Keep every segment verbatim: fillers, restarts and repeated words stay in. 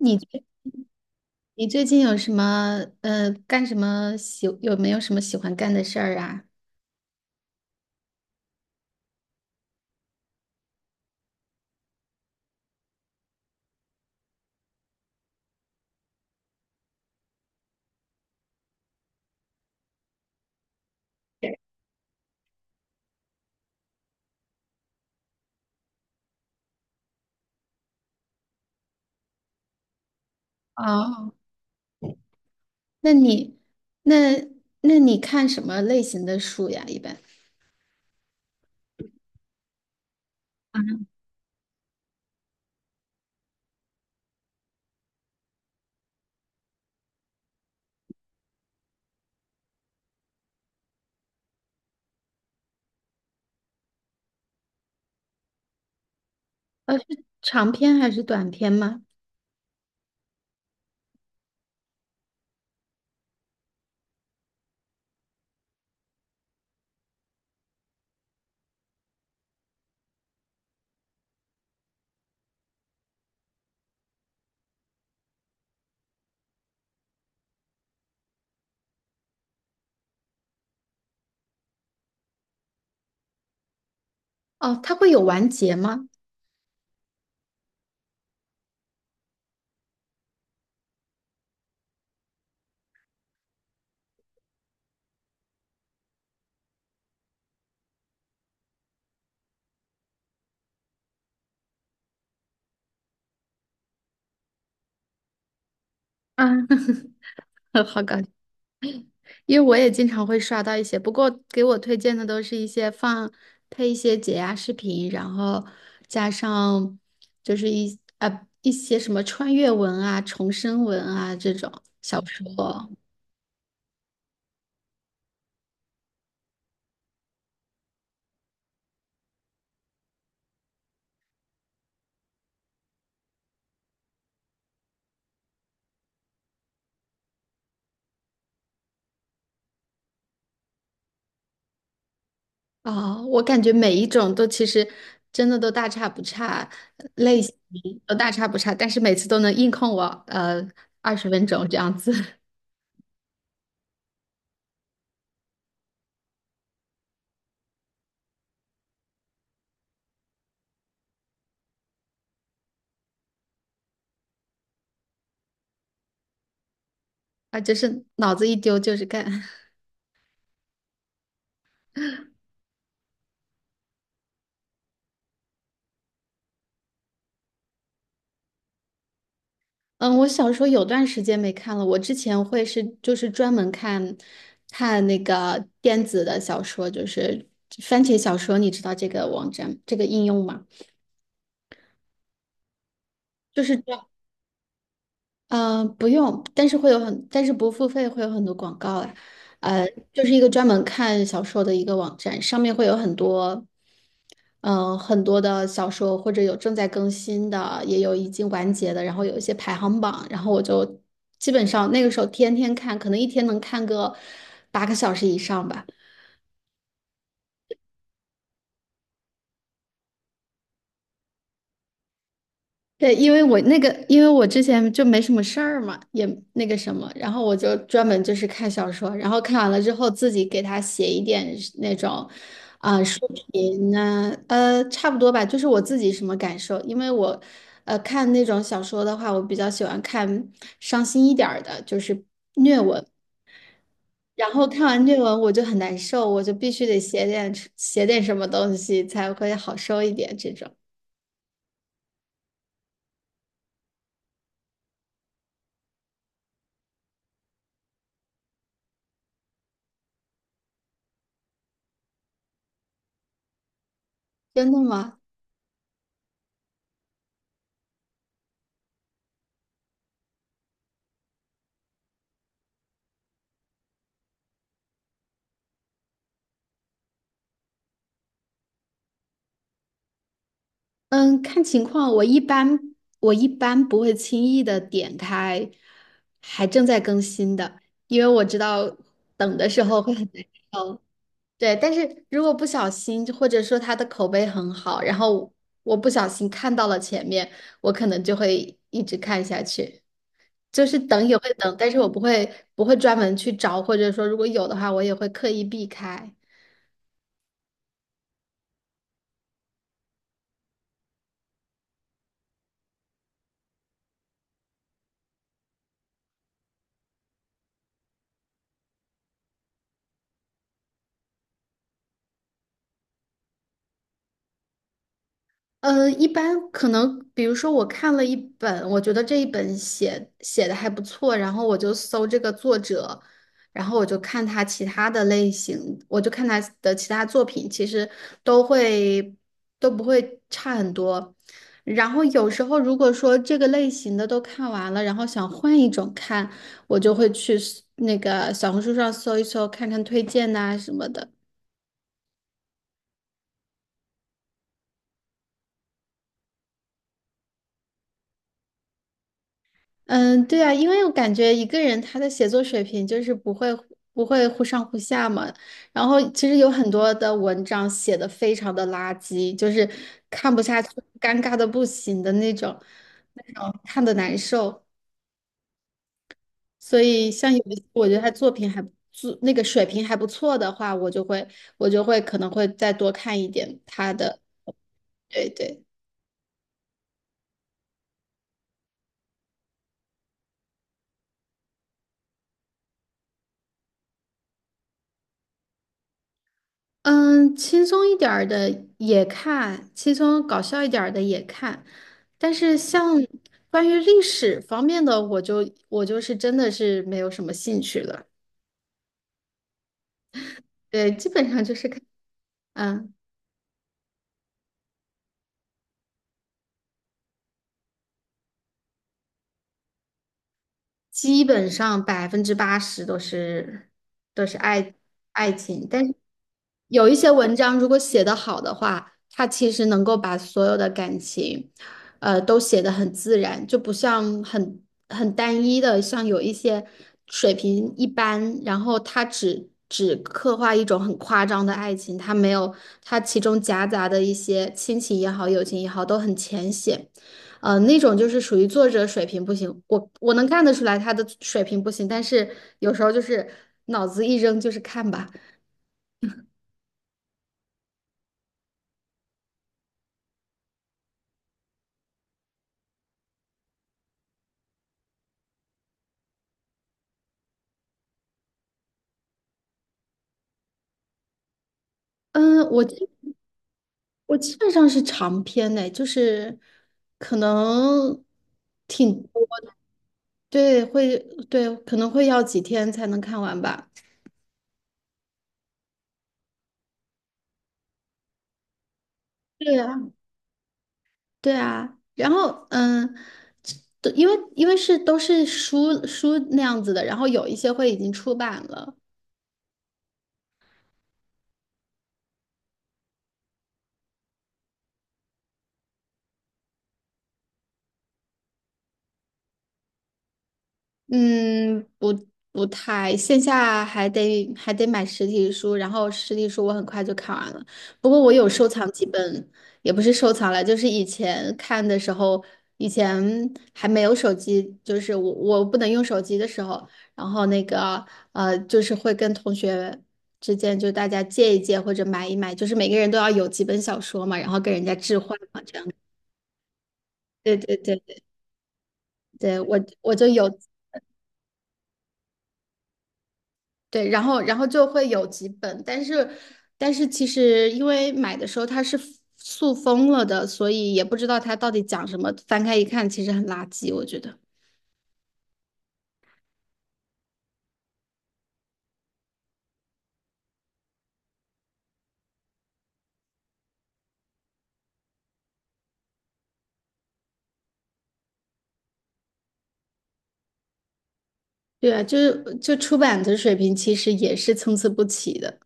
你最你最近有什么呃干什么喜有没有什么喜欢干的事儿啊？哦，那你那那你看什么类型的书呀？一般。啊呃是长篇还是短篇吗？哦，它会有完结吗？啊，好搞因为我也经常会刷到一些，不过给我推荐的都是一些放配一些解压视频，然后加上就是一呃一些什么穿越文啊、重生文啊这种小说啊。我感觉每一种都其实真的都大差不差，类型都大差不差，但是每次都能硬控我呃二十分钟这样子。啊，就是脑子一丢就是干。嗯，我小说有段时间没看了。我之前会是就是专门看，看那个电子的小说，就是番茄小说，你知道这个网站这个应用吗？就是专，嗯，不用，但是会有很，但是不付费会有很多广告啊。呃，就是一个专门看小说的一个网站，上面会有很多。嗯，呃很多的小说或者有正在更新的，也有已经完结的，然后有一些排行榜，然后我就基本上那个时候天天看，可能一天能看个八个小时以上吧。对，因为我那个，因为我之前就没什么事儿嘛，也那个什么，然后我就专门就是看小说，然后看完了之后自己给他写一点那种，啊、书评呢，呃，差不多吧，就是我自己什么感受。因为我，呃，看那种小说的话，我比较喜欢看伤心一点儿的，就是虐文。然后看完虐文我就很难受，我就必须得写点写点什么东西才会好受一点，这种。真的吗？嗯，看情况，我一般我一般不会轻易的点开还正在更新的，因为我知道等的时候会很难受。对，但是如果不小心，或者说它的口碑很好，然后我不小心看到了前面，我可能就会一直看下去。就是等也会等，但是我不会不会专门去找，或者说如果有的话，我也会刻意避开。呃，一般可能，比如说我看了一本，我觉得这一本写写的还不错，然后我就搜这个作者，然后我就看他其他的类型，我就看他的其他作品，其实都会都不会差很多。然后有时候如果说这个类型的都看完了，然后想换一种看，我就会去搜那个小红书上搜一搜，看看推荐呐、什么的。嗯，对啊，因为我感觉一个人他的写作水平就是不会不会忽上忽下嘛。然后其实有很多的文章写的非常的垃圾，就是看不下去，尴尬的不行的那种，那种看的难受。所以像有一些我觉得他作品还不错，那个水平还不错的话，我就会我就会可能会再多看一点他的。对对。嗯，轻松一点儿的也看，轻松搞笑一点儿的也看，但是像关于历史方面的，我就我就是真的是没有什么兴趣了。对，基本上就是看，嗯。基本上百分之八十都是都是爱爱情。但是有一些文章如果写得好的话，它其实能够把所有的感情，呃，都写得很自然，就不像很很单一的，像有一些水平一般，然后它只只刻画一种很夸张的爱情，它没有它其中夹杂的一些亲情也好，友情也好，都很浅显。呃，那种就是属于作者水平不行，我我能看得出来他的水平不行，但是有时候就是脑子一扔就是看吧。嗯，我基我基本上是长篇的，就是可能挺，对，会，对，可能会要几天才能看完吧。对啊，对啊，然后嗯，这都因为因为是都是书书那样子的，然后有一些会已经出版了。嗯，不不太，线下还得还得买实体书，然后实体书我很快就看完了。不过我有收藏几本，也不是收藏了，就是以前看的时候，以前还没有手机，就是我我不能用手机的时候，然后那个呃，就是会跟同学之间就大家借一借或者买一买，就是每个人都要有几本小说嘛，然后跟人家置换嘛，这样。对对对对，对，我我就有。对，然后然后就会有几本，但是但是其实因为买的时候它是塑封了的，所以也不知道它到底讲什么。翻开一看，其实很垃圾，我觉得。对啊，就是就出版的水平其实也是参差不齐的。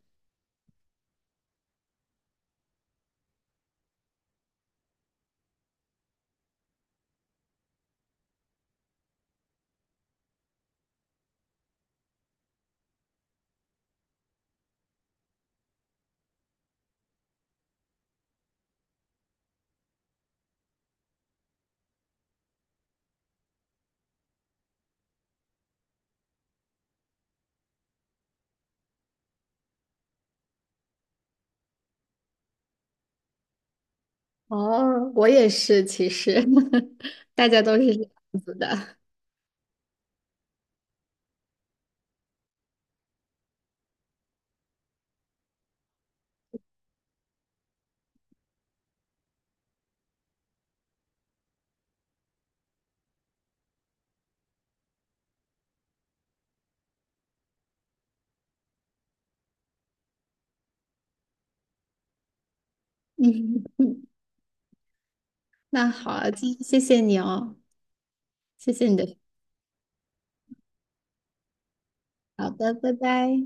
哦，我也是，其实 大家都是这样子的。嗯，那好啊，今谢谢你哦，谢谢你的。好的，拜拜。